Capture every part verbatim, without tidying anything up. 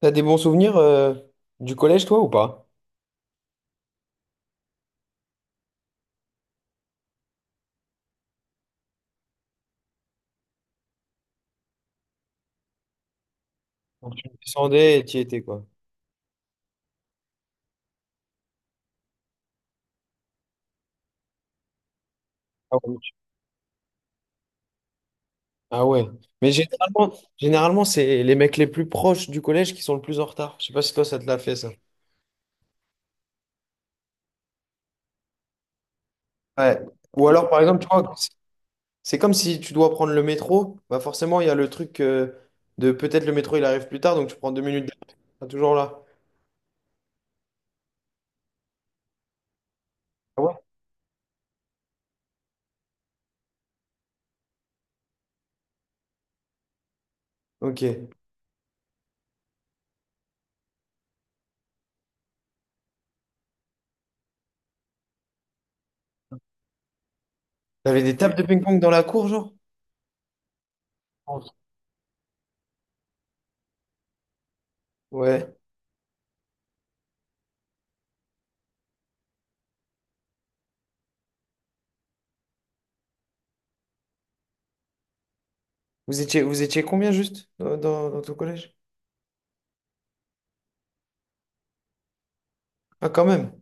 T'as des bons souvenirs euh, du collège, toi, ou pas? Quand tu descendais et tu y étais, quoi. Ah ouais. Ah ouais. Mais généralement, généralement c'est les mecs les plus proches du collège qui sont le plus en retard. Je sais pas si toi, ça te l'a fait, ça. Ouais. Ou alors, par exemple, tu vois, c'est c'est comme si tu dois prendre le métro. Bah forcément, il y a le truc euh, de peut-être le métro, il arrive plus tard, donc tu prends deux minutes de- retard. T'es toujours là. Ah ouais? Ok. T'avais des tables de ping-pong dans la cour, genre? Ouais. Vous étiez, vous étiez combien juste dans, dans, dans ton collège? Ah, quand même.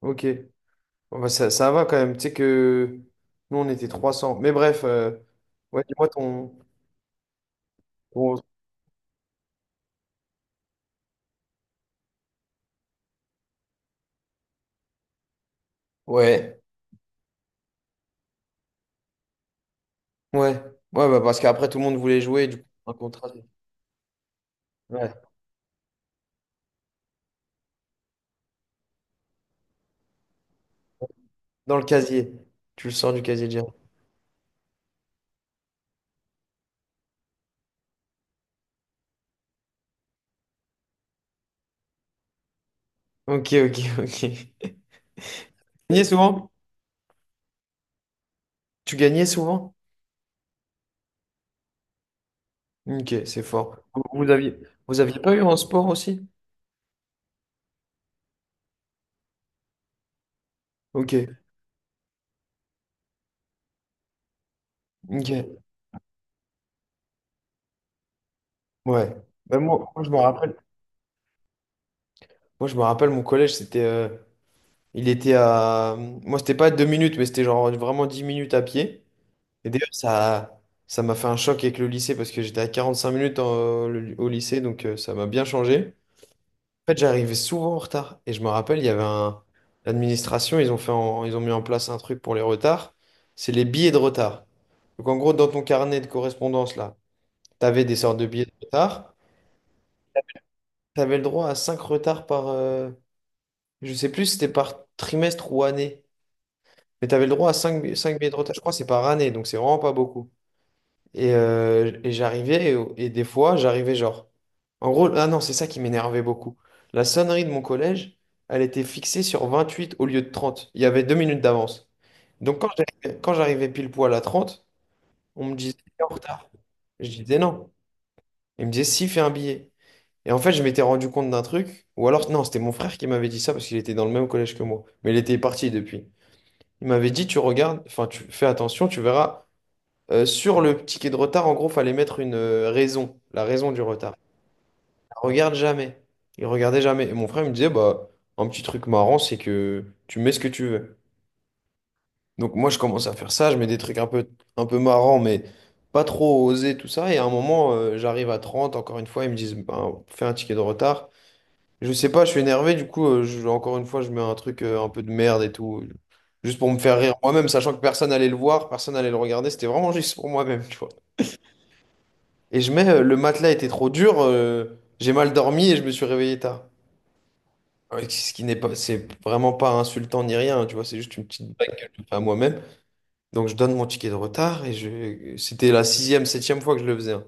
Ok. Bon, bah, ça, ça va quand même. Tu sais que nous, on était trois cents. Mais bref, euh, ouais, dis-moi ton, ton- Ouais, ouais. Ouais, bah, parce qu'après, tout le monde voulait jouer, du coup, un contrat. c'est- Ouais. Dans le casier. Tu le sors du casier déjà. Ok, ok, ok. Tu gagnais souvent? Tu gagnais souvent? Ok, c'est fort. Vous, vous aviez, vous aviez pas eu en sport aussi? Ok, ok. Ouais. Bah, moi, moi, je me rappelle. Moi, je me rappelle, mon collège, c'était. Euh, il était à. Moi, c'était pas deux minutes, mais c'était genre vraiment dix minutes à pied. Et d'ailleurs, ça, ça m'a fait un choc avec le lycée parce que j'étais à quarante-cinq minutes en- le- au lycée, donc euh, ça m'a bien changé. En fait, j'arrivais souvent en retard. Et je me rappelle, il y avait un... L'administration, ils ont fait en- ils ont mis en place un truc pour les retards. C'est les billets de retard. Donc en gros, dans ton carnet de correspondance, là, tu avais des sortes de billets de retard. Tu avais le droit à cinq retards par... euh, je sais plus si c'était par trimestre ou année. Mais tu avais le droit à cinq billets de retard. Je crois que c'est par année, donc c'est vraiment pas beaucoup. Et, euh, et j'arrivais, et, et des fois, j'arrivais genre. En gros, ah non, c'est ça qui m'énervait beaucoup. La sonnerie de mon collège, elle était fixée sur vingt-huit au lieu de trente. Il y avait deux minutes d'avance. Donc quand j'arrivais, quand j'arrivais pile poil à trente, on me disait, t'es en retard. Je disais non. Il me disait, si, fais un billet. Et en fait, je m'étais rendu compte d'un truc. Ou alors, non, c'était mon frère qui m'avait dit ça parce qu'il était dans le même collège que moi. Mais il était parti depuis. Il m'avait dit, tu regardes, enfin, tu fais attention, tu verras. Euh, sur le ticket de retard, en gros, fallait mettre une euh, raison, la raison du retard. Il regarde jamais. Il regardait jamais. Et mon frère il me disait, bah, un petit truc marrant, c'est que tu mets ce que tu veux. Donc moi, je commence à faire ça, je mets des trucs un peu, un peu marrants, mais pas trop osés, tout ça. Et à un moment, euh, j'arrive à trente. Encore une fois, ils me disent, bah, fais un ticket de retard. Je sais pas, je suis énervé, du coup, euh, je- encore une fois, je mets un truc euh, un peu de merde et tout. Juste pour me faire rire moi-même, sachant que personne allait le voir, personne allait le regarder. C'était vraiment juste pour moi-même, tu vois. Et je mets, euh, le matelas était trop dur, euh, j'ai mal dormi et je me suis réveillé tard. Ouais, Ce qui n'est pas, c'est vraiment pas insultant ni rien, tu vois, c'est juste une petite blague que je fais à moi-même. Donc je donne mon ticket de retard et je, c'était la sixième, septième fois que je le faisais, hein.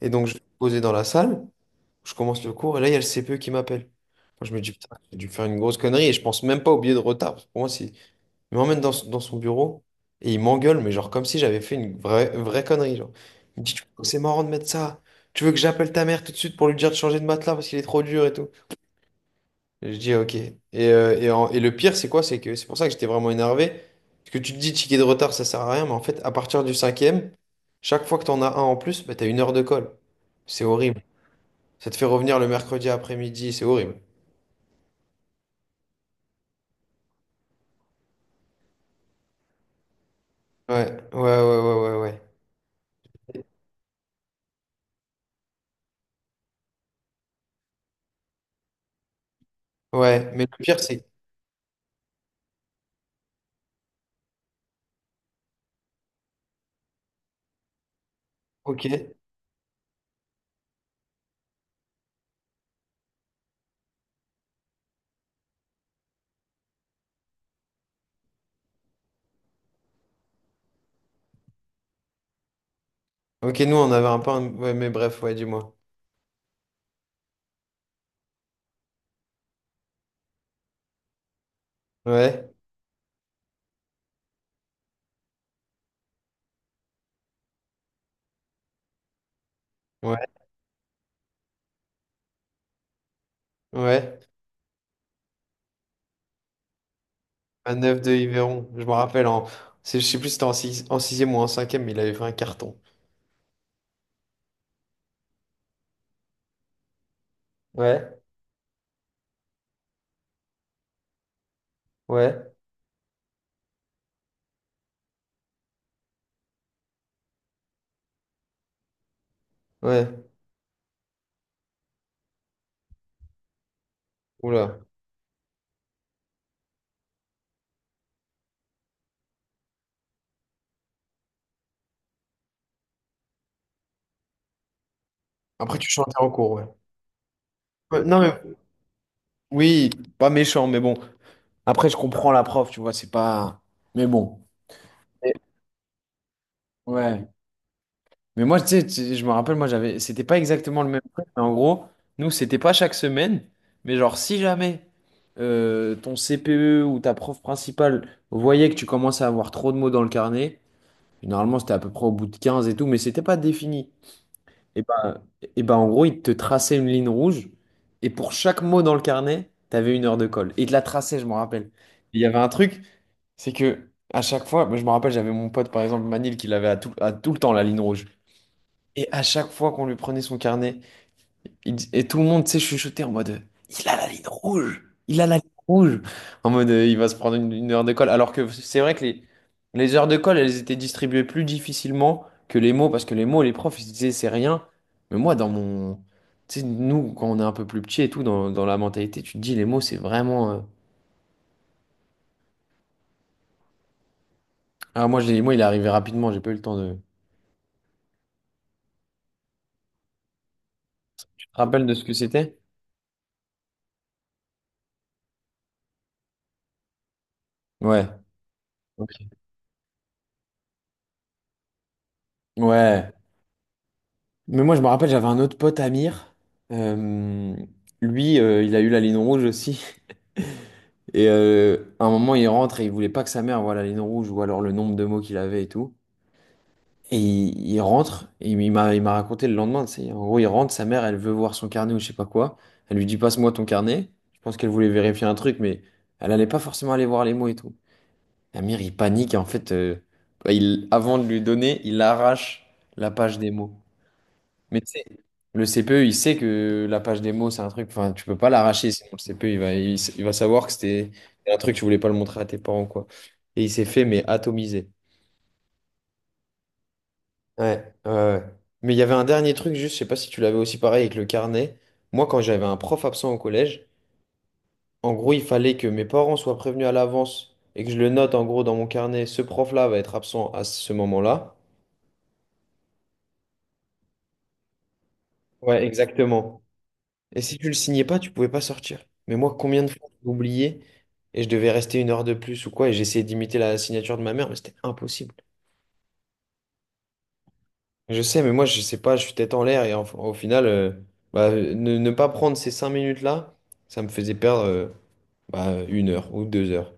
Et donc je suis posé dans la salle, je commence le cours et là il y a le C P E qui m'appelle. Moi, je me dis, putain, j'ai dû faire une grosse connerie et je pense même pas au billet de retard. Parce que pour moi, c'est il m'emmène dans, son- dans son bureau et il m'engueule, mais genre comme si j'avais fait une vraie, vraie connerie. Genre. Il me dit, Tu c'est marrant de mettre ça. Tu veux que j'appelle ta mère tout de suite pour lui dire de changer de matelas parce qu'il est trop dur et tout. Et je dis, ok. Et, euh, et, en- et le pire, c'est quoi? C'est que c'est pour ça que j'étais vraiment énervé. Parce que tu te dis, ticket de retard, ça sert à rien, mais en fait, à partir du cinquième, chaque fois que t'en as un en plus, bah, t'as une heure de colle. C'est horrible. Ça te fait revenir le mercredi après-midi, c'est horrible. Ouais, ouais, ouais, ouais, ouais, ouais. Ouais, mais le pire, c'est... Ok. Ok, nous, on avait un peu... un- Ouais, mais bref, ouais, dis-moi. Ouais, ouais, ouais. Un neuf de Yveron. Je me rappelle, en... c'est- je sais plus si c'était en six... en sixième ou en cinquième, mais il avait fait un carton. Ouais, ouais, ouais. Oula. Après, tu chantais en cours, ouais. Ouais, non, mais... Oui, pas méchant, mais bon. Après, je comprends la prof, tu vois, c'est pas... Mais bon. Et- Ouais. Mais moi, tu sais, tu- je me rappelle, moi, j'avais, c'était pas exactement le même truc, mais en gros, nous, c'était pas chaque semaine, mais genre, si jamais euh, ton C P E ou ta prof principale voyait que tu commençais à avoir trop de mots dans le carnet, normalement, c'était à peu près au bout de quinze et tout, mais c'était pas défini. Et ben, et ben, en gros, il te traçait une ligne rouge, et pour chaque mot dans le carnet, t'avais une heure de colle. Et il te la traçait, je me rappelle. Et il y avait un truc, c'est que, à chaque fois, moi, je me rappelle, j'avais mon pote, par exemple, Manil, qui l'avait à tout, à tout le temps, la ligne rouge. Et à chaque fois qu'on lui prenait son carnet, il et tout le monde, tu sais, chuchotait en mode, il a la ligne rouge, il a la ligne rouge, en mode, euh, il va se prendre une, une heure de colle. Alors que c'est vrai que les, les heures de colle, elles étaient distribuées plus difficilement que les mots, parce que les mots, les profs, ils se disaient, c'est rien. Mais moi, dans mon, tu sais, nous, quand on est un peu plus petit et tout, dans, dans la mentalité, tu te dis, les mots, c'est vraiment. euh, Ah, moi, je- les moi il est arrivé rapidement, j'ai pas eu le temps de. Tu te rappelles de ce que c'était? Ouais. Ok. Ouais. Mais moi, je me rappelle, j'avais un autre pote, Amir. Euh, lui, euh, il a eu la ligne rouge aussi. Et euh, à un moment, il rentre et il voulait pas que sa mère voie la ligne rouge ou alors le nombre de mots qu'il avait et tout. Et il, il rentre, et il m'a il m'a raconté le lendemain, tu sais. En gros, il rentre, sa mère, elle veut voir son carnet ou je sais pas quoi. Elle lui dit, passe-moi ton carnet. Je pense qu'elle voulait vérifier un truc, mais elle allait pas forcément aller voir les mots et tout. Amir, il panique et en fait, euh, bah, il, avant de lui donner, il arrache la page des mots. Mais tu sais, le C P E, il sait que la page démo, c'est un truc, enfin, tu peux pas l'arracher, sinon le C P E, il va, il, s- il va savoir que c'était un truc, tu voulais pas le montrer à tes parents, quoi. Et il s'est fait, mais atomiser. Ouais, ouais, ouais. Mais il y avait un dernier truc, juste, je sais pas si tu l'avais aussi pareil avec le carnet. Moi, quand j'avais un prof absent au collège, en gros, il fallait que mes parents soient prévenus à l'avance et que je le note, en gros, dans mon carnet, ce prof-là va être absent à ce moment-là. Ouais, exactement. Et si tu le signais pas, tu pouvais pas sortir. Mais moi, combien de fois j'ai oublié et je devais rester une heure de plus ou quoi, et j'essayais d'imiter la signature de ma mère, mais c'était impossible. Je sais, mais moi, je sais pas, je suis tête en l'air et en- au final, euh, bah, ne, ne pas prendre ces cinq minutes-là, ça me faisait perdre euh, bah, une heure ou deux heures.